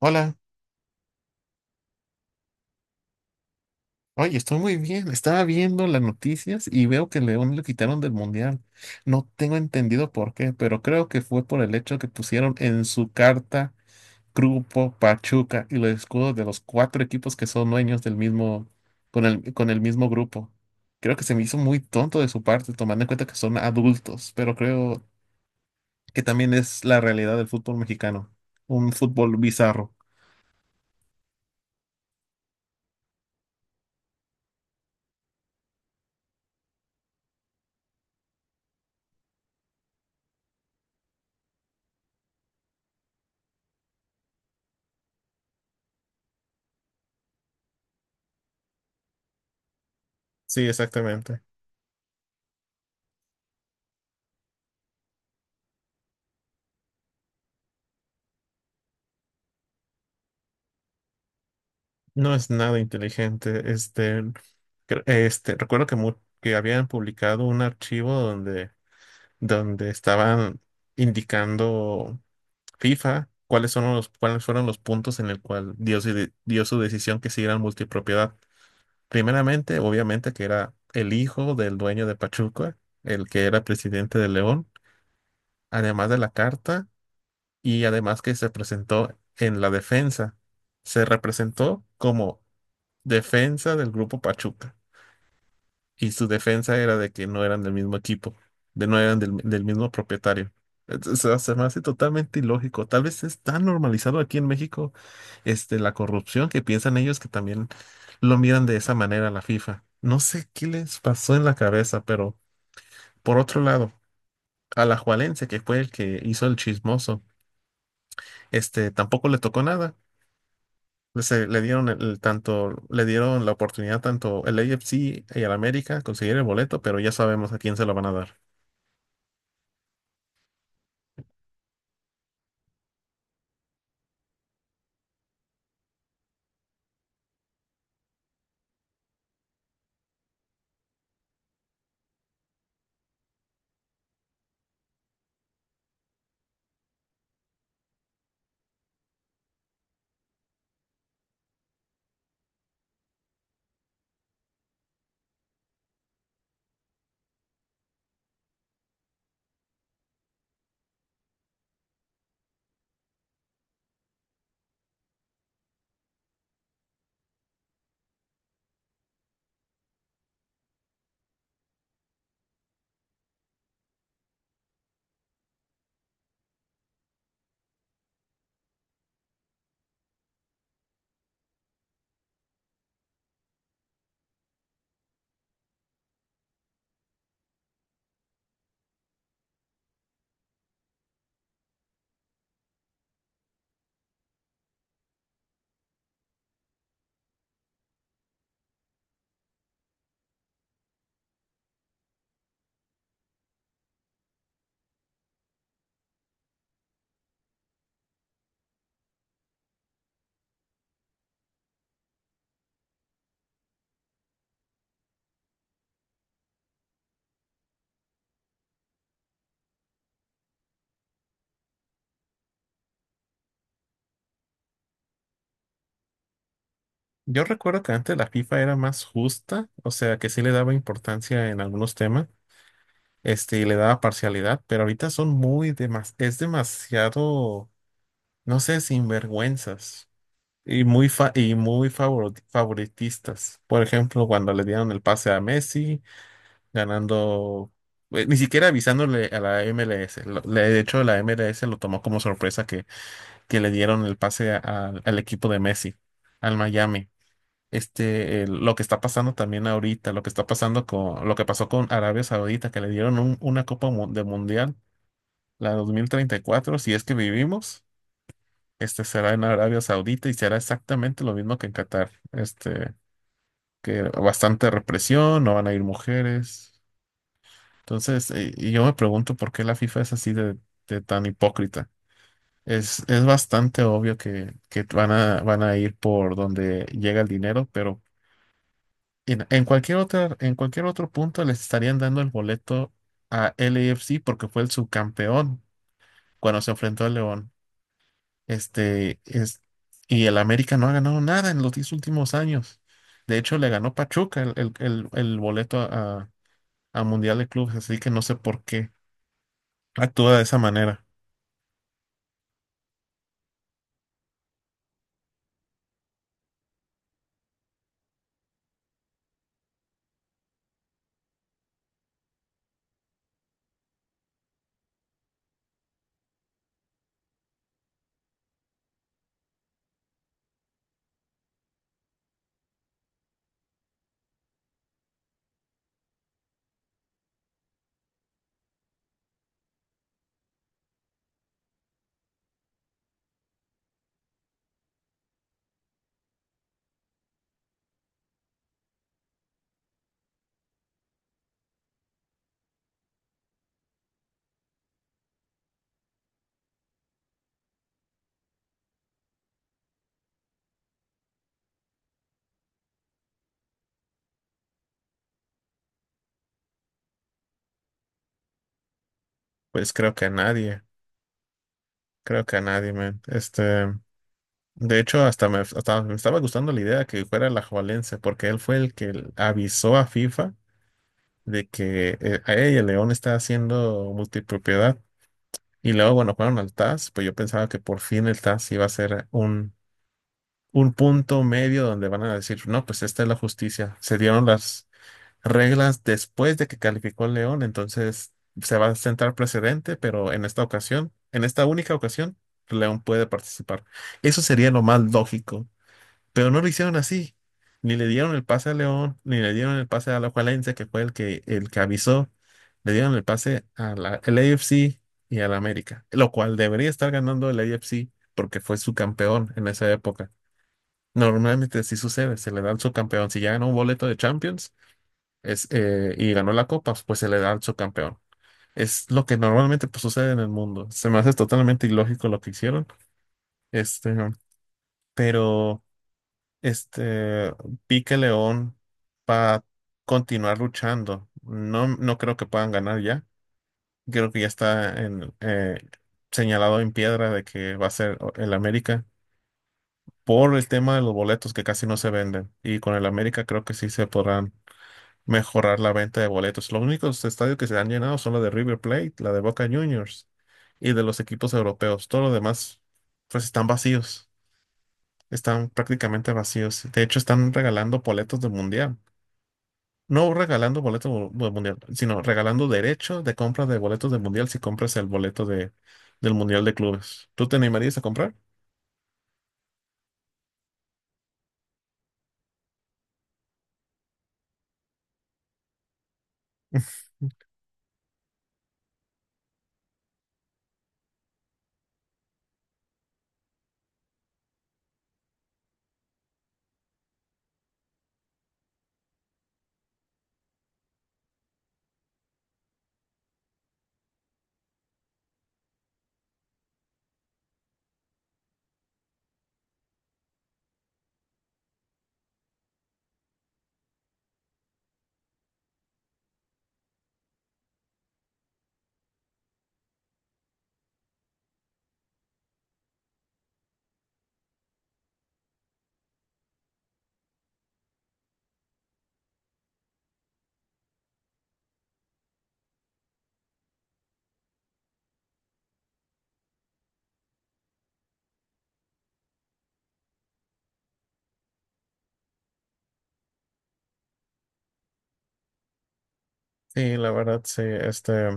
Hola, oye, estoy muy bien. Estaba viendo las noticias y veo que León lo quitaron del mundial. No tengo entendido por qué, pero creo que fue por el hecho que pusieron en su carta Grupo Pachuca y los escudos de los cuatro equipos que son dueños del mismo, con el mismo grupo. Creo que se me hizo muy tonto de su parte, tomando en cuenta que son adultos, pero creo que también es la realidad del fútbol mexicano. Un fútbol bizarro. Sí, exactamente. No es nada inteligente. Este, recuerdo que habían publicado un archivo donde estaban indicando FIFA cuáles son los, cuáles fueron los puntos en el cual dio su decisión que siguieran multipropiedad. Primeramente, obviamente, que era el hijo del dueño de Pachuca, el que era presidente de León, además de la carta, y además que se presentó en la defensa. Se representó como defensa del grupo Pachuca. Y su defensa era de que no eran del mismo equipo, de no eran del mismo propietario. Entonces, o sea, se me hace totalmente ilógico. Tal vez es tan normalizado aquí en México, este, la corrupción que piensan ellos que también lo miran de esa manera a la FIFA. No sé qué les pasó en la cabeza, pero por otro lado, a la Alajuelense, que fue el que hizo el chismoso, este, tampoco le tocó nada. Le dieron el tanto, le dieron la oportunidad tanto el AFC y al América conseguir el boleto, pero ya sabemos a quién se lo van a dar. Yo recuerdo que antes la FIFA era más justa, o sea, que sí le daba importancia en algunos temas, este, y le daba parcialidad, pero ahorita son muy demas, es demasiado, no sé, sinvergüenzas y muy favoritistas. Por ejemplo, cuando le dieron el pase a Messi ganando, ni siquiera avisándole a la MLS. De hecho, la MLS lo tomó como sorpresa que le dieron el pase al equipo de Messi, al Miami. Este, lo que está pasando también ahorita, lo que está pasando con, lo que pasó con Arabia Saudita, que le dieron un- una Copa de Mundial, la 2034 si es que vivimos, este será en Arabia Saudita y será exactamente lo mismo que en Qatar. Este, que bastante represión, no van a ir mujeres. Entonces, y yo me pregunto por qué la FIFA es así de tan hipócrita. Es bastante obvio que van a ir por donde llega el dinero, pero en cualquier otra, en cualquier otro punto les estarían dando el boleto a LAFC porque fue el subcampeón cuando se enfrentó al León. Este, es, y el América no ha ganado nada en los 10 últimos años. De hecho, le ganó Pachuca el boleto a Mundial de Clubes, así que no sé por qué actúa de esa manera. Pues creo que a nadie, creo que a nadie, man. Este, de hecho, hasta me estaba gustando la idea que fuera la Alajuelense, porque él fue el que avisó a FIFA de que "Ey, el León está haciendo multipropiedad". Y luego, bueno, fueron al TAS, pues yo pensaba que por fin el TAS iba a ser un punto medio donde van a decir, no, pues esta es la justicia. Se dieron las, reglas después de que calificó el León, entonces se va a sentar precedente, pero en esta ocasión, en esta única ocasión, León puede participar. Eso sería lo más lógico, pero no lo hicieron así. Ni le dieron el pase a León, ni le dieron el pase a la Alajuelense, que fue el que avisó. Le dieron el pase a la, al AFC y al América, lo cual debería estar ganando el AFC porque fue su campeón en esa época. Normalmente sí sucede, se le da al subcampeón. Si ya ganó un boleto de Champions, y ganó la copa, pues se le da al subcampeón. Es lo que normalmente pues, sucede en el mundo. Se me hace totalmente ilógico lo que hicieron. Este, pero este, vi que León va a continuar luchando. No, no creo que puedan ganar ya. Creo que ya está en, señalado en piedra de que va a ser el América por el tema de los boletos que casi no se venden. Y con el América creo que sí se podrán mejorar la venta de boletos. Los únicos estadios que se han llenado son la de River Plate, la de Boca Juniors y de los equipos europeos. Todo lo demás, pues están vacíos, están prácticamente vacíos. De hecho, están regalando boletos del Mundial. No regalando boletos del Mundial, sino regalando derechos de compra de boletos del Mundial si compras el boleto de, del Mundial de Clubes. ¿Tú te animarías a comprar? Sí, la verdad, sí.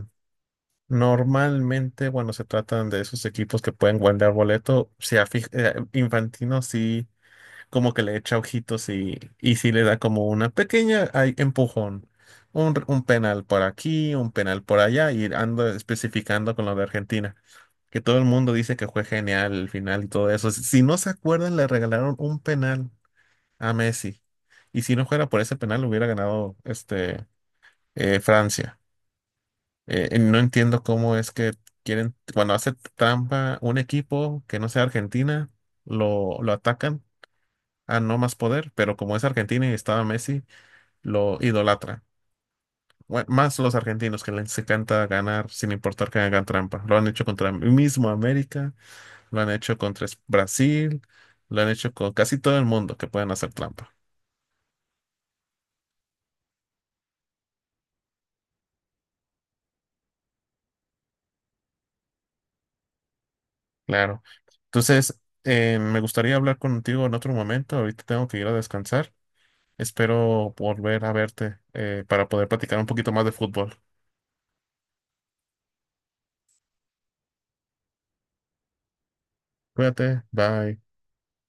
Normalmente, bueno, se tratan de esos equipos que pueden guardar boleto. Infantino sí, como que le echa ojitos y sí le da como una pequeña empujón. Un penal por aquí, un penal por allá, y ando especificando con lo de Argentina. Que todo el mundo dice que fue genial el final y todo eso. Si no se acuerdan, le regalaron un penal a Messi. Y si no fuera por ese penal, hubiera ganado Francia. No entiendo cómo es que quieren, cuando hace trampa un equipo que no sea Argentina, lo atacan a no más poder, pero como es Argentina y estaba Messi, lo idolatra. Más los argentinos que les encanta ganar sin importar que hagan trampa. Lo han hecho contra el mismo América, lo han hecho contra Brasil, lo han hecho con casi todo el mundo que pueden hacer trampa. Claro. Entonces, me gustaría hablar contigo en otro momento. Ahorita tengo que ir a descansar. Espero volver a verte, para poder platicar un poquito más de fútbol. Cuídate, bye.